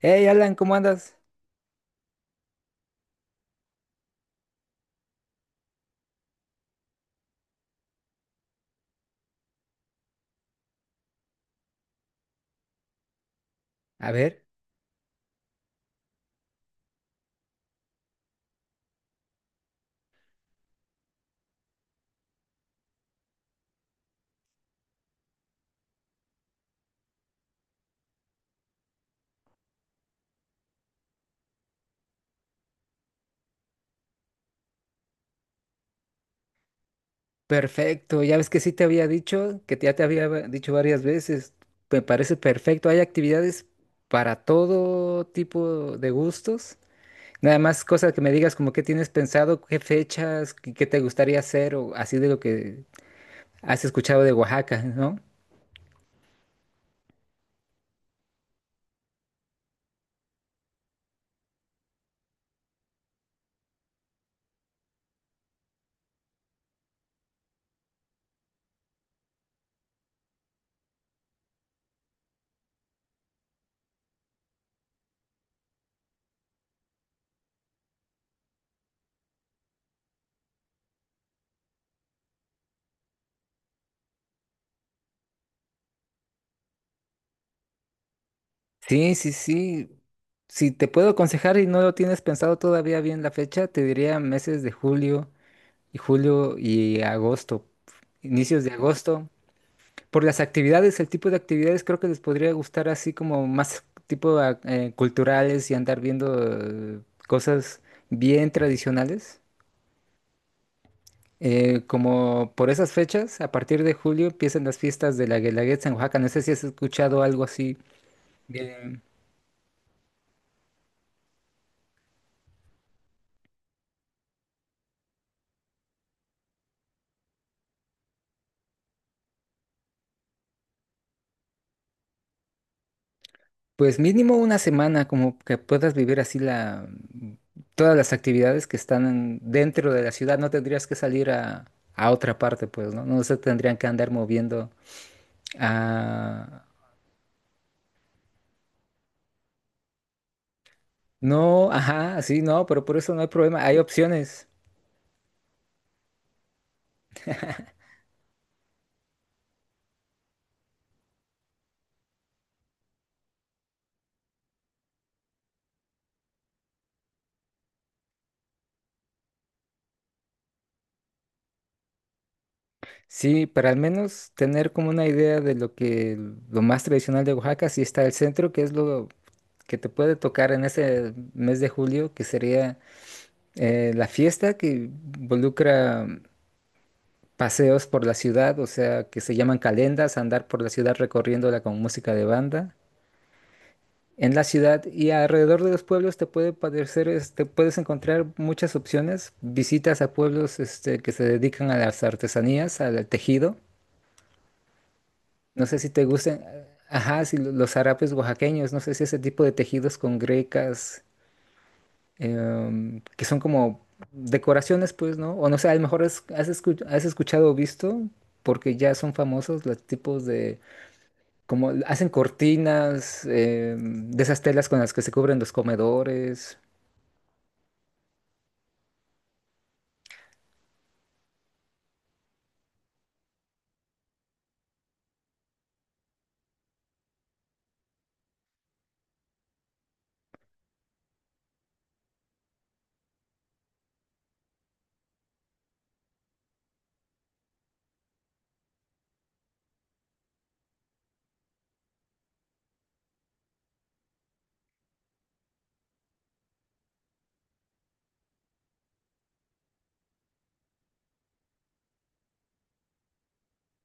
Hey Alan, ¿cómo andas? A ver, perfecto. Ya ves que sí te había dicho, que ya te había dicho varias veces. Me parece perfecto. Hay actividades para todo tipo de gustos. Nada más cosas que me digas como qué tienes pensado, qué fechas, qué te gustaría hacer o así de lo que has escuchado de Oaxaca, ¿no? Sí, sí, sí. Si te puedo aconsejar y no lo tienes pensado todavía bien la fecha, te diría meses de julio y agosto, inicios de agosto. Por las actividades, el tipo de actividades creo que les podría gustar así como más tipo culturales y andar viendo cosas bien tradicionales. Como por esas fechas, a partir de julio empiezan las fiestas de la Guelaguetza en Oaxaca. No sé si has escuchado algo así. Bien. Pues mínimo una semana, como que puedas vivir así la todas las actividades que están dentro de la ciudad. No tendrías que salir a otra parte, pues, ¿no? No se tendrían que andar moviendo a No, ajá, sí, no, pero por eso no hay problema, hay opciones. Sí, para al menos tener como una idea de lo que lo más tradicional de Oaxaca, sí está el centro, que es lo que te puede tocar en ese mes de julio, que sería la fiesta que involucra paseos por la ciudad, o sea, que se llaman calendas, andar por la ciudad recorriéndola con música de banda. En la ciudad y alrededor de los pueblos te puede parecer, puedes encontrar muchas opciones, visitas a pueblos que se dedican a las artesanías, al tejido. No sé si te gusten, ajá, si los harapes oaxaqueños, no sé si ese tipo de tejidos con grecas, que son como decoraciones, pues, ¿no? O no sé, a lo mejor has escuchado o visto, porque ya son famosos los tipos de, como hacen cortinas, de esas telas con las que se cubren los comedores.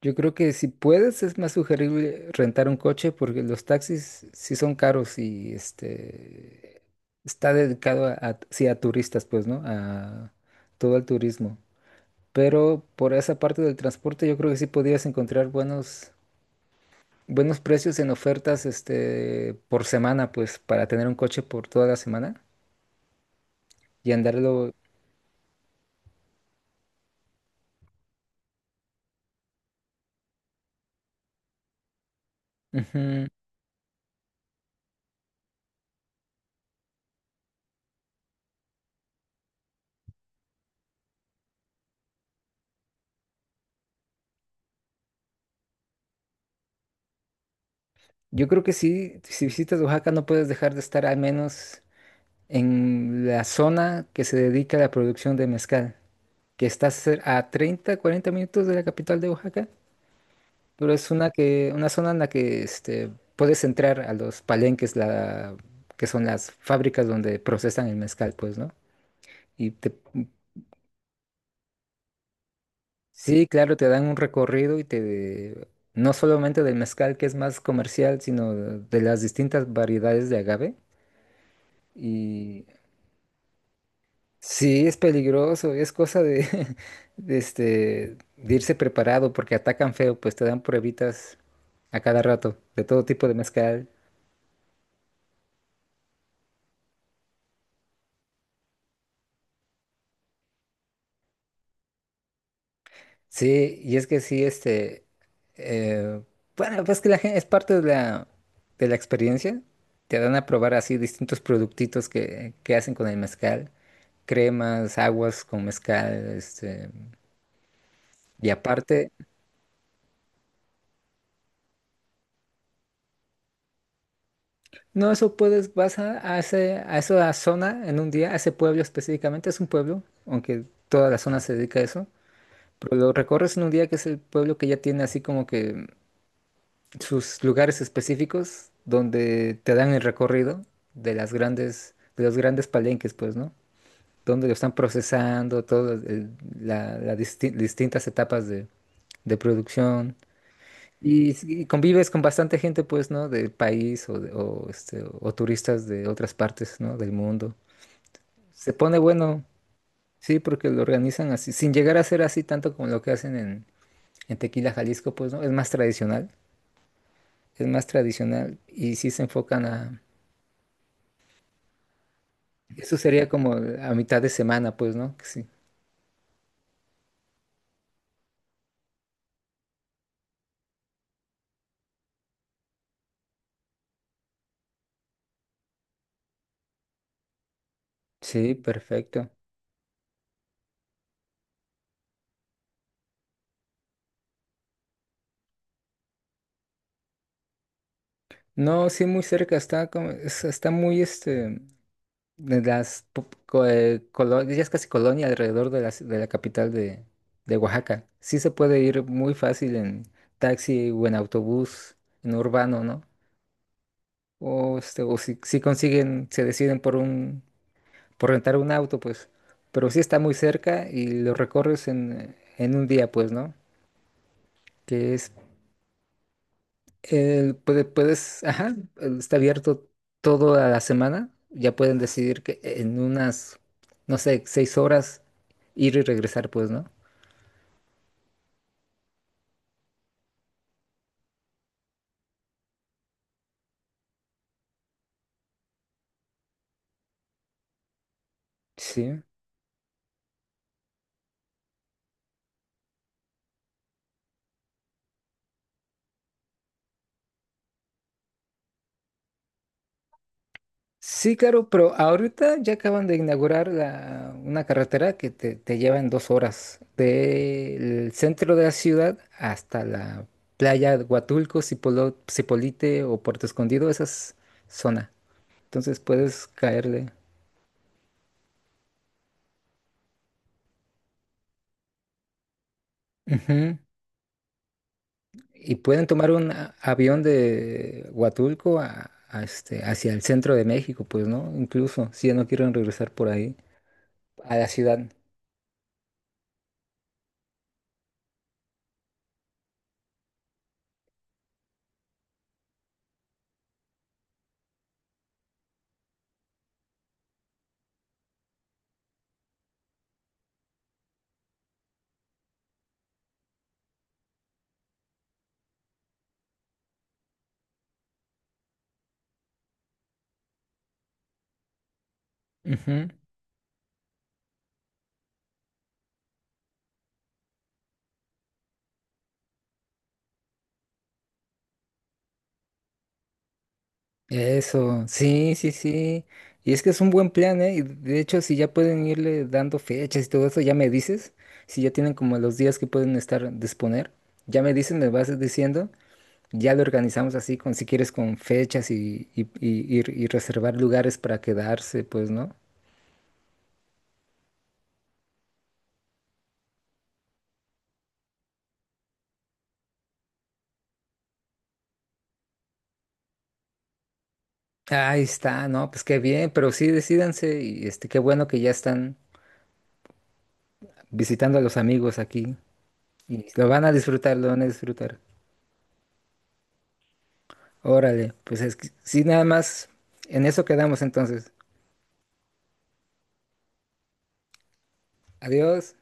Yo creo que si puedes es más sugerible rentar un coche porque los taxis sí son caros y está dedicado sí, a turistas, pues, ¿no? A todo el turismo. Pero por esa parte del transporte yo creo que sí podías encontrar buenos precios en ofertas por semana, pues, para tener un coche por toda la semana y andarlo. Ujú. Yo creo que sí, si visitas Oaxaca no puedes dejar de estar al menos en la zona que se dedica a la producción de mezcal, que está a 30-40 minutos de la capital de Oaxaca, pero es una zona en la que puedes entrar a los palenques, que son las fábricas donde procesan el mezcal, pues, ¿no? Y te, sí, claro, te dan un recorrido y te, no solamente del mezcal que es más comercial, sino de las distintas variedades de agave. Y Sí, es peligroso, es cosa de, de irse preparado porque atacan feo, pues te dan pruebitas a cada rato de todo tipo de mezcal. Sí, y es que sí, eh, bueno, pues que la gente es parte de la experiencia. Te dan a probar así distintos productitos que hacen con el mezcal, cremas, aguas con mezcal, y aparte. No, eso puedes, vas a esa zona en un día, a ese pueblo específicamente, es un pueblo, aunque toda la zona se dedica a eso, pero lo recorres en un día que es el pueblo que ya tiene así como que sus lugares específicos donde te dan el recorrido de los grandes palenques, pues, ¿no? Donde lo están procesando, todas las distintas etapas de producción. Y convives con bastante gente, pues, ¿no? Del país o turistas de otras partes, ¿no? Del mundo. Se pone bueno, sí, porque lo organizan así, sin llegar a ser así tanto como lo que hacen en Tequila, Jalisco, pues, ¿no? Es más tradicional y sí se enfocan a... Eso sería como a mitad de semana, pues, ¿no? Que Sí, sí, perfecto. No, sí, muy cerca, está muy, este... de las po- co- colo- ya es casi colonia alrededor de la capital de Oaxaca. Sí se puede ir muy fácil en taxi o en autobús, en urbano, ¿no? O si, consiguen, se deciden por rentar un auto, pues. Pero sí está muy cerca y lo recorres en un día, pues, ¿no? Que es puedes, ajá, está abierto toda la semana. Ya pueden decidir que en unas, no sé, 6 horas ir y regresar, pues, ¿no? Sí. Sí, claro, pero ahorita ya acaban de inaugurar una carretera que te lleva en 2 horas del centro de la ciudad hasta la playa de Huatulco, Cipolite o Puerto Escondido, esa es zona. Entonces puedes caerle. Ujú. Y pueden tomar un avión de Huatulco hacia el centro de México, pues, ¿no? Incluso si ya no quieren regresar por ahí a la ciudad. Ujú. Eso, sí, sí, sí. Y es que es un buen plan, ¿eh? Y de hecho, si ya pueden irle dando fechas y todo eso, ya me dices, si ya tienen como los días que pueden estar disponer, ya me dices, me vas diciendo, ya lo organizamos así, con, si quieres, con fechas y reservar lugares para quedarse, pues, ¿no? Ahí está, no, pues qué bien, pero sí decídanse y qué bueno que ya están visitando a los amigos aquí y lo van a disfrutar, lo van a disfrutar. Órale, pues es que, sí, nada más, en eso quedamos entonces. Adiós.